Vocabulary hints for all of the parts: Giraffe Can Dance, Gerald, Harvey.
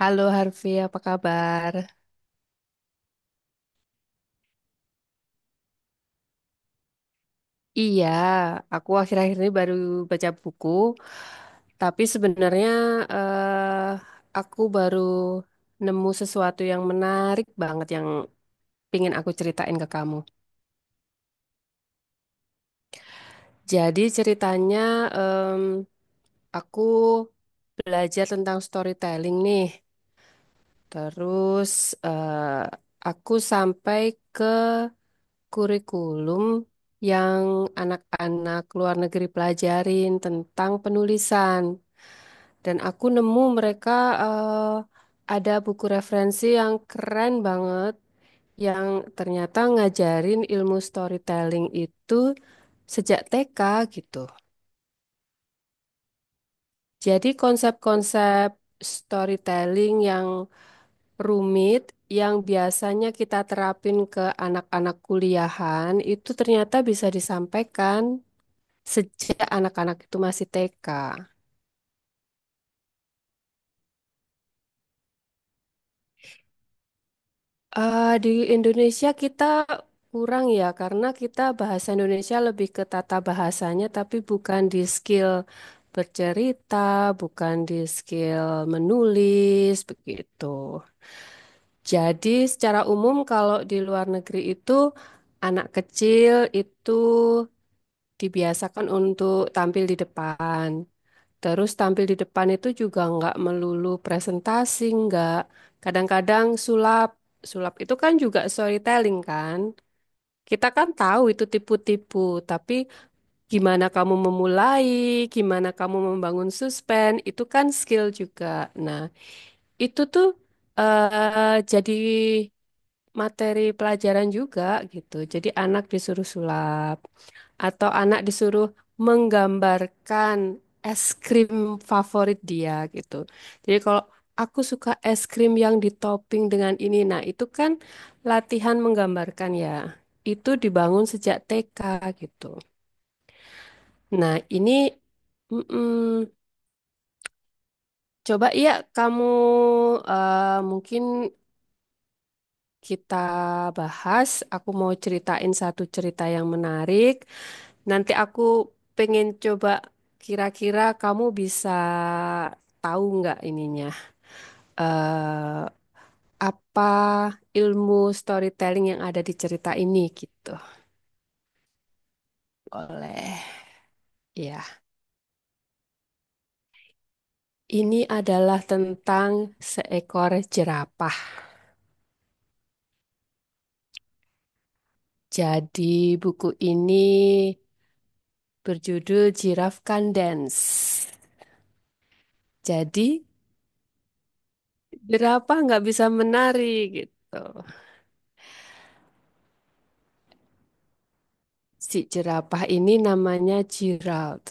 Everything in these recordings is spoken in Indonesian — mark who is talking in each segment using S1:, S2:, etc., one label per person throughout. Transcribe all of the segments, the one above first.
S1: Halo Harvey, apa kabar? Iya, aku akhir-akhir ini baru baca buku, tapi sebenarnya eh, aku baru nemu sesuatu yang menarik banget yang pingin aku ceritain ke kamu. Jadi ceritanya em, aku belajar tentang storytelling nih, terus eh, aku sampai ke kurikulum yang anak-anak luar negeri pelajarin tentang penulisan. Dan aku nemu mereka eh, ada buku referensi yang keren banget yang ternyata ngajarin ilmu storytelling itu sejak TK gitu. Jadi konsep-konsep storytelling yang rumit yang biasanya kita terapin ke anak-anak kuliahan itu ternyata bisa disampaikan sejak anak-anak itu masih TK. Eh, di Indonesia kita kurang ya, karena kita bahasa Indonesia lebih ke tata bahasanya, tapi bukan di skill bercerita, bukan di skill menulis, begitu. Jadi secara umum kalau di luar negeri itu anak kecil itu dibiasakan untuk tampil di depan. Terus tampil di depan itu juga nggak melulu presentasi, nggak. Kadang-kadang sulap. Sulap itu kan juga storytelling kan. Kita kan tahu itu tipu-tipu, tapi gimana kamu memulai, gimana kamu membangun suspense, itu kan skill juga. Nah, itu tuh jadi materi pelajaran juga gitu. Jadi anak disuruh sulap atau anak disuruh menggambarkan es krim favorit dia gitu. Jadi kalau aku suka es krim yang ditopping dengan ini, nah itu kan latihan menggambarkan ya. Itu dibangun sejak TK gitu. Nah ini mm-mm, coba ya kamu mungkin kita bahas. Aku mau ceritain satu cerita yang menarik. Nanti aku pengen coba kira-kira kamu bisa tahu nggak ininya eh apa ilmu storytelling yang ada di cerita ini gitu. Oleh ya, ini adalah tentang seekor jerapah. Jadi buku ini berjudul Giraffe Can Dance. Jadi jerapah nggak bisa menari gitu. Si jerapah ini namanya Gerald.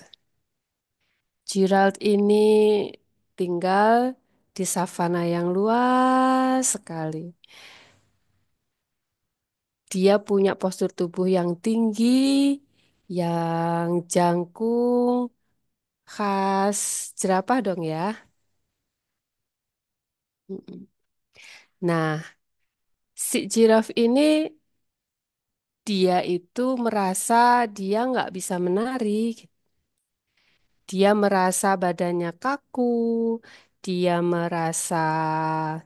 S1: Gerald ini tinggal di savana yang luas sekali. Dia punya postur tubuh yang tinggi, yang jangkung, khas jerapah dong ya. Mm-mm. Nah, si jiraf ini dia itu merasa dia nggak bisa menari. Dia merasa badannya kaku, dia merasa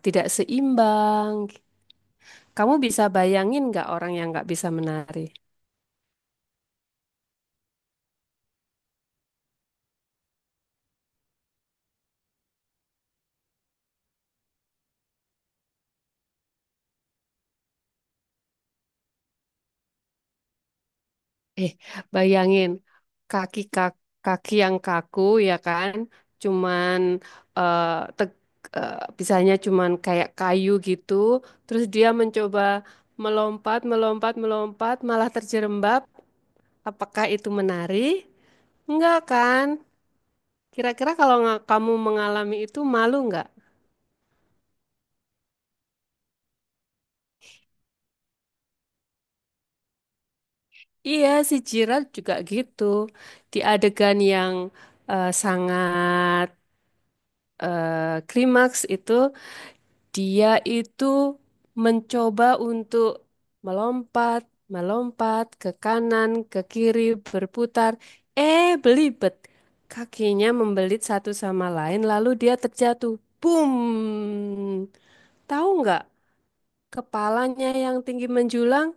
S1: tidak seimbang. Kamu bisa bayangin nggak orang yang nggak bisa menari? Eh, bayangin kaki yang kaku ya kan, cuman eh, teg- eh, bisanya cuman kayak kayu gitu. Terus dia mencoba melompat, melompat, melompat, malah terjerembab. Apakah itu menari? Enggak kan? Kira-kira kalau kamu mengalami itu malu nggak? Iya, si Jirat juga gitu. Di adegan yang sangat klimaks itu dia itu mencoba untuk melompat, melompat ke kanan, ke kiri, berputar. Eh, belibet. Kakinya membelit satu sama lain, lalu dia terjatuh. Boom! Tahu nggak? Kepalanya yang tinggi menjulang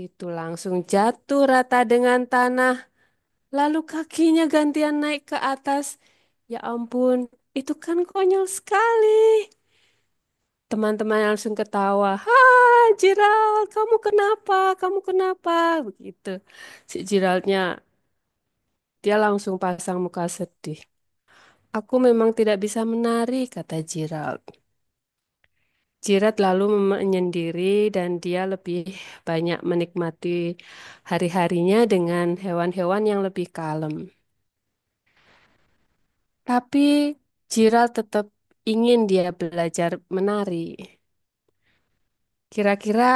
S1: itu langsung jatuh rata dengan tanah. Lalu kakinya gantian naik ke atas. Ya ampun, itu kan konyol sekali. Teman-teman langsung ketawa. Hai Gerald, kamu kenapa? Kamu kenapa? Begitu. Si Geraldnya, dia langsung pasang muka sedih. Aku memang tidak bisa menari, kata Gerald. Gerald lalu menyendiri dan dia lebih banyak menikmati hari-harinya dengan hewan-hewan yang lebih kalem. Tapi Gerald tetap ingin dia belajar menari. Kira-kira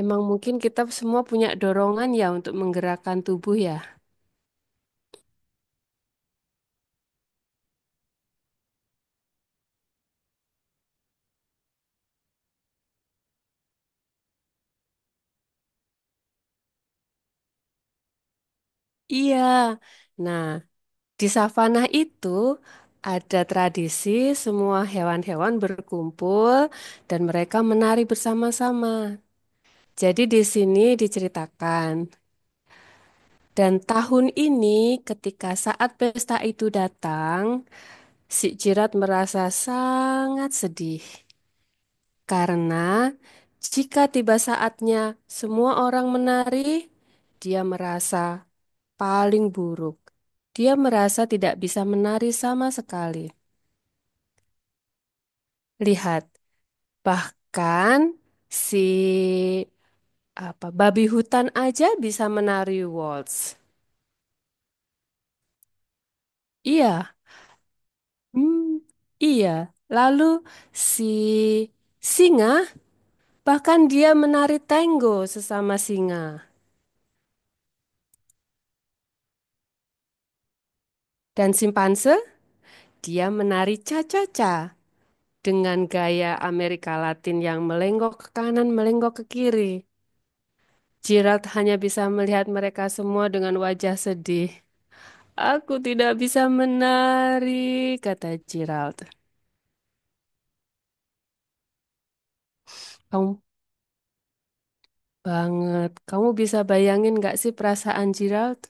S1: emang mungkin kita semua punya dorongan ya untuk menggerakkan tubuh ya. Iya. Nah, di savana itu ada tradisi semua hewan-hewan berkumpul dan mereka menari bersama-sama. Jadi di sini diceritakan. Dan tahun ini ketika saat pesta itu datang, si Jirat merasa sangat sedih. Karena jika tiba saatnya semua orang menari, dia merasa paling buruk. Dia merasa tidak bisa menari sama sekali. Lihat, bahkan si apa babi hutan aja bisa menari waltz. Iya, hmm, iya. Lalu si singa bahkan dia menari tango sesama singa. Dan simpanse dia menari cha-cha-cha. Dengan gaya Amerika Latin yang melenggok ke kanan, melenggok ke kiri, Gerald hanya bisa melihat mereka semua dengan wajah sedih. Aku tidak bisa menari, kata Gerald. Kamu banget. Kamu bisa bayangin gak sih perasaan Gerald?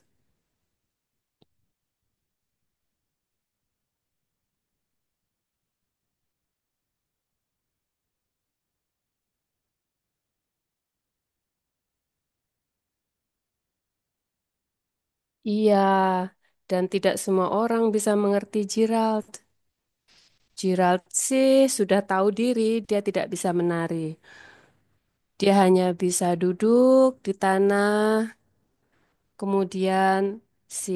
S1: Iya, dan tidak semua orang bisa mengerti Gerald. Gerald sih sudah tahu diri, dia tidak bisa menari. Dia hanya bisa duduk di tanah. Kemudian si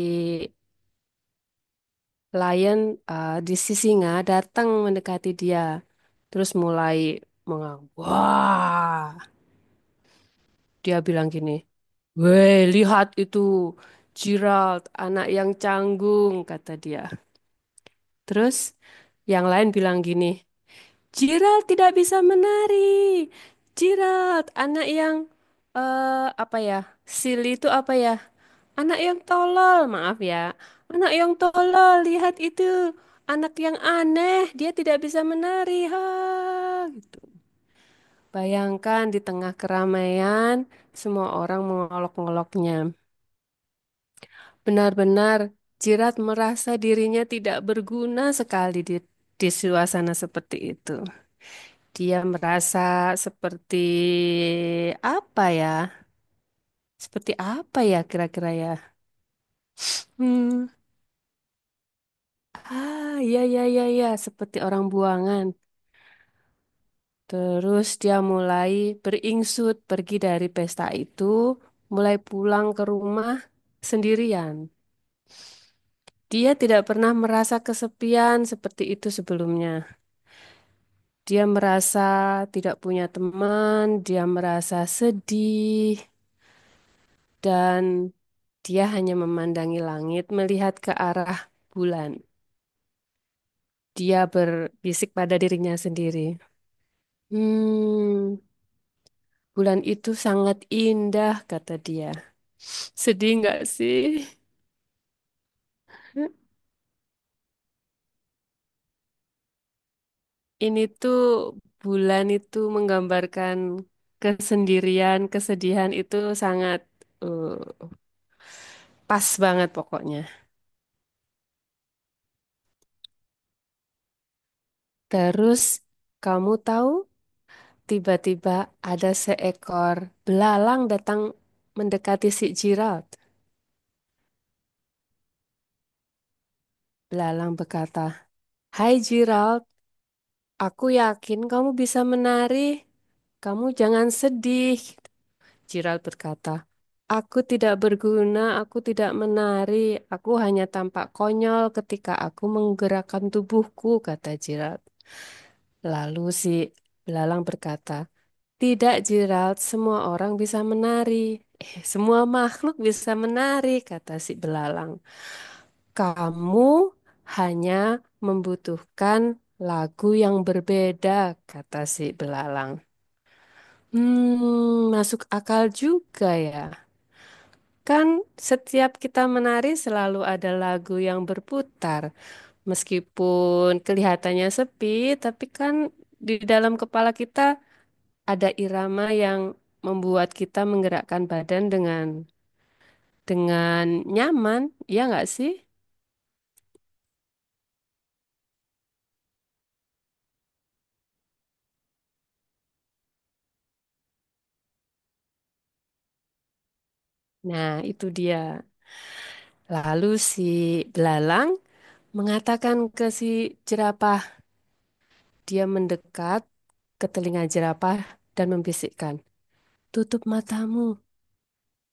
S1: lion eh, di si singa datang mendekati dia. Terus mulai mengang. Wah, dia bilang gini, weh, lihat itu Gerald, anak yang canggung, kata dia. Terus yang lain bilang gini, Gerald tidak bisa menari. Gerald, anak yang apa ya? Silly itu apa ya? Anak yang tolol, maaf ya. Anak yang tolol, lihat itu. Anak yang aneh, dia tidak bisa menari. Ha, gitu. Bayangkan di tengah keramaian, semua orang mengolok-ngoloknya. Benar-benar Jirat merasa dirinya tidak berguna sekali di suasana seperti itu. Dia merasa seperti apa ya? Seperti apa ya kira-kira ya? Hmm. Ah, iya, iya, iya, iya. Seperti orang buangan. Terus dia mulai beringsut pergi dari pesta itu, mulai pulang ke rumah sendirian. Dia tidak pernah merasa kesepian seperti itu sebelumnya. Dia merasa tidak punya teman, dia merasa sedih, dan dia hanya memandangi langit, melihat ke arah bulan. Dia berbisik pada dirinya sendiri. Hmm, bulan itu sangat indah, kata dia. Sedih nggak sih? Ini tuh bulan itu menggambarkan kesendirian, kesedihan itu sangat eh, pas banget pokoknya. Terus kamu tahu tiba-tiba ada seekor belalang datang mendekati si Gerald. Belalang berkata, "Hai Gerald, aku yakin kamu bisa menari. Kamu jangan sedih. Jiral berkata, aku tidak berguna, aku tidak menari, aku hanya tampak konyol ketika aku menggerakkan tubuhku, kata Jiral. Lalu si belalang berkata, tidak Jiral, semua orang bisa menari. Eh, semua makhluk bisa menari, kata si belalang. Kamu hanya membutuhkan lagu yang berbeda, kata si belalang. Hmm, masuk akal juga ya. Kan setiap kita menari selalu ada lagu yang berputar. Meskipun kelihatannya sepi, tapi kan di dalam kepala kita ada irama yang membuat kita menggerakkan badan dengan nyaman, ya nggak sih? Nah, itu dia. Lalu si belalang mengatakan ke si jerapah, dia mendekat ke telinga jerapah dan membisikkan, "Tutup matamu,"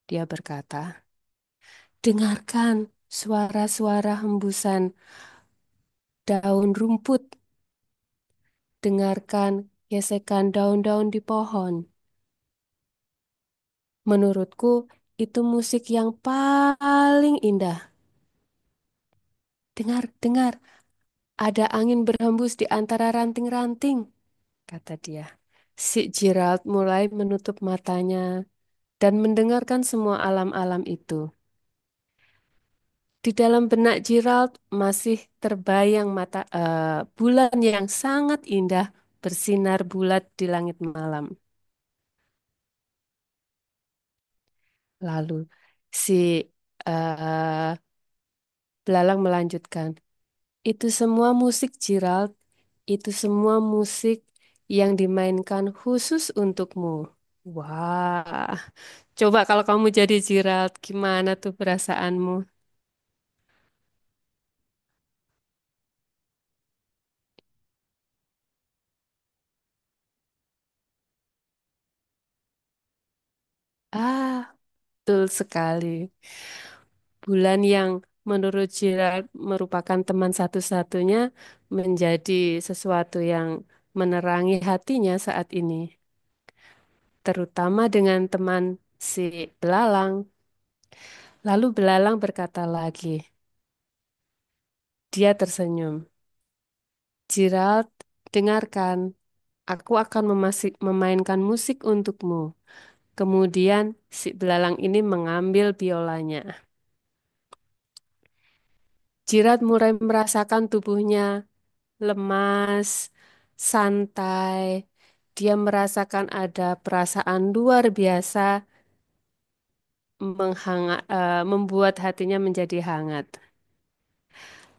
S1: dia berkata. Dengarkan suara-suara hembusan daun rumput, dengarkan gesekan daun-daun di pohon. Menurutku, itu musik yang paling indah. Dengar, dengar, ada angin berhembus di antara ranting-ranting, kata dia. Si Gerald mulai menutup matanya dan mendengarkan semua alam-alam itu. Di dalam benak Gerald masih terbayang mata bulan yang sangat indah bersinar bulat di langit malam. Lalu si eh, belalang melanjutkan, itu semua musik Gerald, itu semua musik yang dimainkan khusus untukmu. Wah, coba kalau kamu jadi Gerald, gimana tuh perasaanmu? Ah, betul sekali. Bulan yang menurut Gerard merupakan teman satu-satunya menjadi sesuatu yang menerangi hatinya saat ini, terutama dengan teman si belalang. Lalu belalang berkata lagi, dia tersenyum. Gerald, dengarkan, aku akan memainkan musik untukmu. Kemudian si belalang ini mengambil biolanya. Gerald mulai merasakan tubuhnya lemas, santai. Dia merasakan ada perasaan luar biasa membuat hatinya menjadi hangat.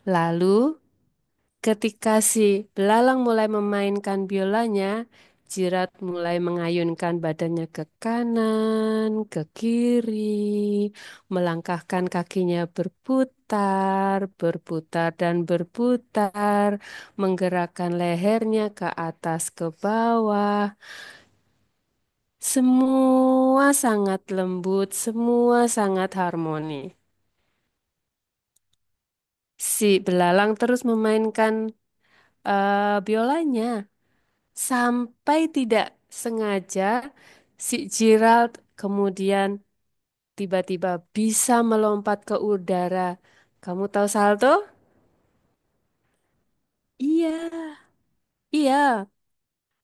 S1: Lalu ketika si belalang mulai memainkan biolanya, Jirat mulai mengayunkan badannya ke kanan, ke kiri, melangkahkan kakinya berputar, berputar dan berputar, menggerakkan lehernya ke atas ke bawah. Semua sangat lembut, semua sangat harmoni. Si belalang terus memainkan biolanya. Sampai tidak sengaja si Gerald kemudian tiba-tiba bisa melompat ke udara. Kamu tahu salto? Iya, iya.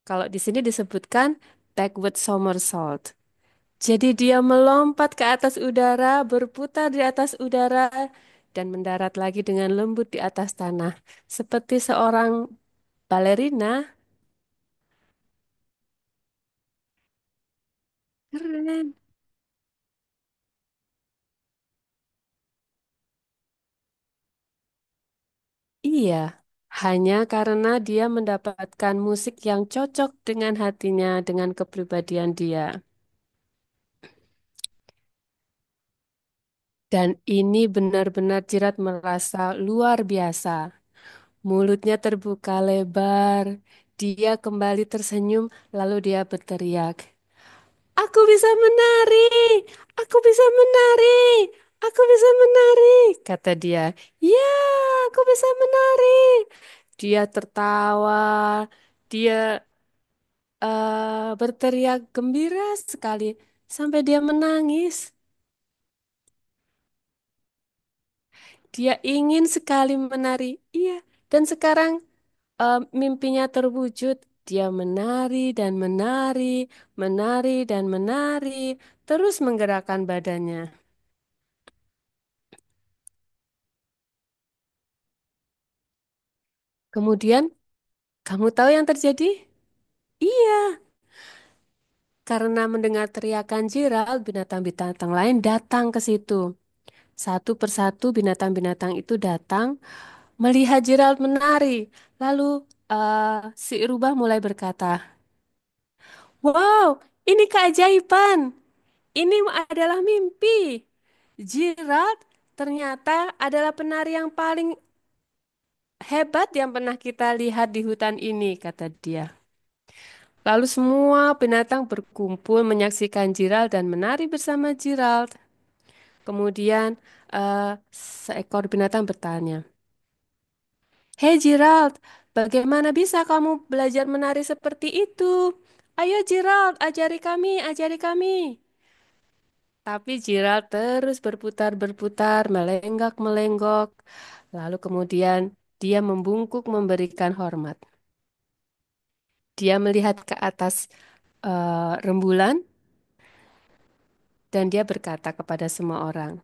S1: Kalau di sini disebutkan backward somersault. Jadi dia melompat ke atas udara, berputar di atas udara, dan mendarat lagi dengan lembut di atas tanah. Seperti seorang balerina. Keren. Iya, hanya karena dia mendapatkan musik yang cocok dengan hatinya, dengan kepribadian dia. Dan ini benar-benar Jirat merasa luar biasa. Mulutnya terbuka lebar. Dia kembali tersenyum, lalu dia berteriak, aku bisa menari! Aku bisa menari! Aku bisa menari! Kata dia, ya, aku bisa menari! Dia tertawa. Dia berteriak gembira sekali sampai dia menangis. Dia ingin sekali menari. Iya, dan sekarang mimpinya terwujud. Dia menari dan menari, terus menggerakkan badannya. Kemudian, kamu tahu yang terjadi? Iya, karena mendengar teriakan Jiral, binatang-binatang lain datang ke situ. Satu persatu binatang-binatang itu datang melihat Gerald menari, lalu si rubah mulai berkata, wow, ini keajaiban. Ini adalah mimpi. Gerald ternyata adalah penari yang paling hebat yang pernah kita lihat di hutan ini, kata dia. Lalu semua binatang berkumpul menyaksikan Gerald dan menari bersama Gerald. Kemudian seekor binatang bertanya, hei Gerald, bagaimana bisa kamu belajar menari seperti itu? Ayo Gerald, ajari kami, ajari kami. Tapi Gerald terus berputar-berputar, melenggak-melenggok. Lalu kemudian dia membungkuk memberikan hormat. Dia melihat ke atas rembulan dan dia berkata kepada semua orang,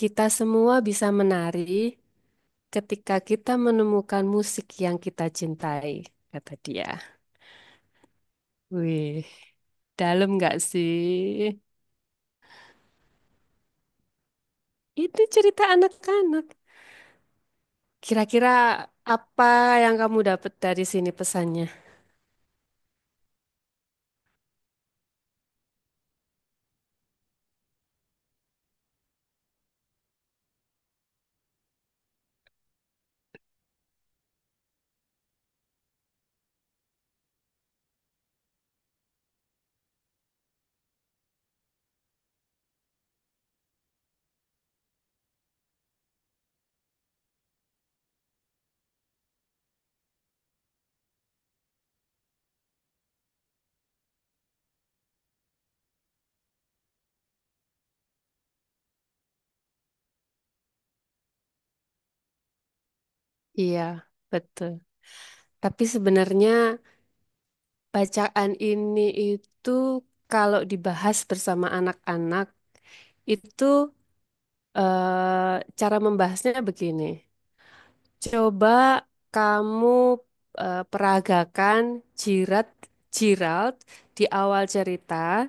S1: "Kita semua bisa menari ketika kita menemukan musik yang kita cintai," kata dia. Wih, dalam nggak sih? Itu cerita anak-anak. Kira-kira apa yang kamu dapat dari sini pesannya? Iya, betul. Tapi sebenarnya bacaan ini itu kalau dibahas bersama anak-anak itu cara membahasnya begini. Coba kamu peragakan jirat Gerald di awal cerita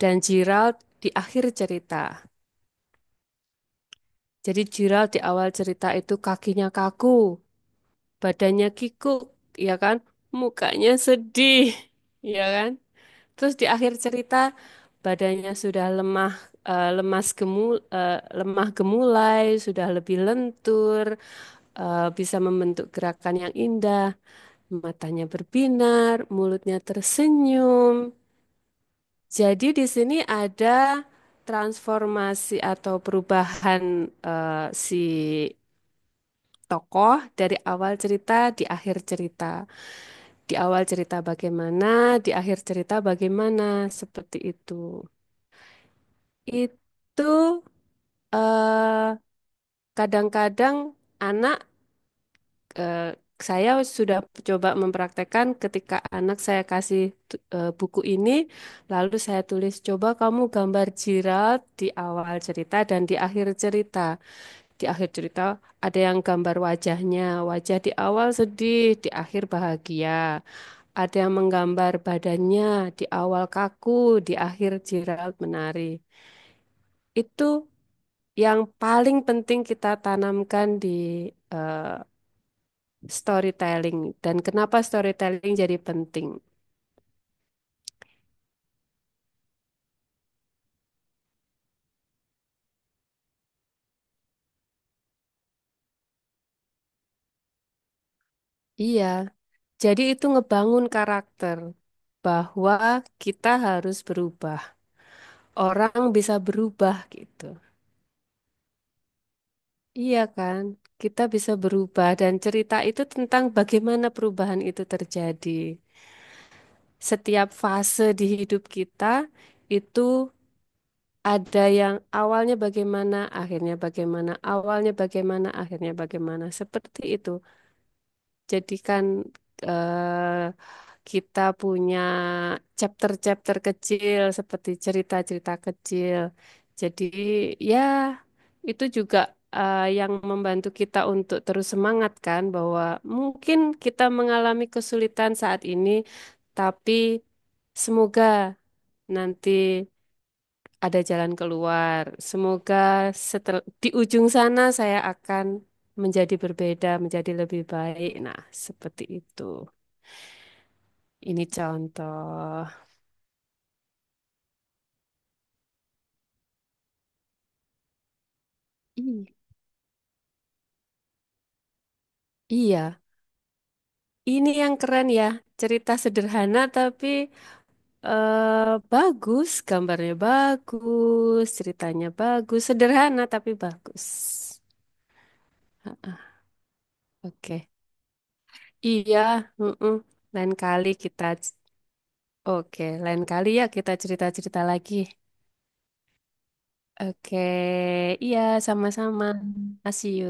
S1: dan Gerald di akhir cerita. Jadi Gerald di awal cerita itu kakinya kaku, badannya kikuk, ya kan? Mukanya sedih, ya kan? Terus di akhir cerita badannya sudah lemah, eh, lemas gemul, eh, lemah gemulai, sudah lebih lentur, bisa membentuk gerakan yang indah, matanya berbinar, mulutnya tersenyum. Jadi di sini ada transformasi atau perubahan eh, si tokoh dari awal cerita di akhir cerita. Di awal cerita bagaimana, di akhir cerita bagaimana, seperti itu. Itu eh, kadang-kadang anak eh, saya sudah coba mempraktekkan ketika anak saya kasih buku ini, lalu saya tulis, coba kamu gambar Gerald di awal cerita dan di akhir cerita. Di akhir cerita ada yang gambar wajahnya, wajah di awal sedih, di akhir bahagia. Ada yang menggambar badannya, di awal kaku, di akhir Gerald menari. Itu yang paling penting kita tanamkan di eh, storytelling dan kenapa storytelling jadi penting. Iya, jadi itu ngebangun karakter bahwa kita harus berubah. Orang bisa berubah gitu. Iya kan? Kita bisa berubah dan cerita itu tentang bagaimana perubahan itu terjadi. Setiap fase di hidup kita itu ada yang awalnya bagaimana, akhirnya bagaimana, awalnya bagaimana, akhirnya bagaimana. Seperti itu. Jadikan eh, kita punya chapter-chapter kecil seperti cerita-cerita kecil. Jadi ya itu juga yang membantu kita untuk terus semangat kan bahwa mungkin kita mengalami kesulitan saat ini, tapi semoga nanti ada jalan keluar. Semoga di ujung sana saya akan menjadi berbeda, menjadi lebih baik. Nah, seperti itu. Ini contoh. I- iya, ini yang keren ya. Cerita sederhana tapi bagus, gambarnya bagus, ceritanya bagus, sederhana tapi bagus. Ah, oke. Iya, mm-mm. Lain kali kita oke, lain kali ya kita cerita-cerita lagi. Oke, iya sama-sama. See you.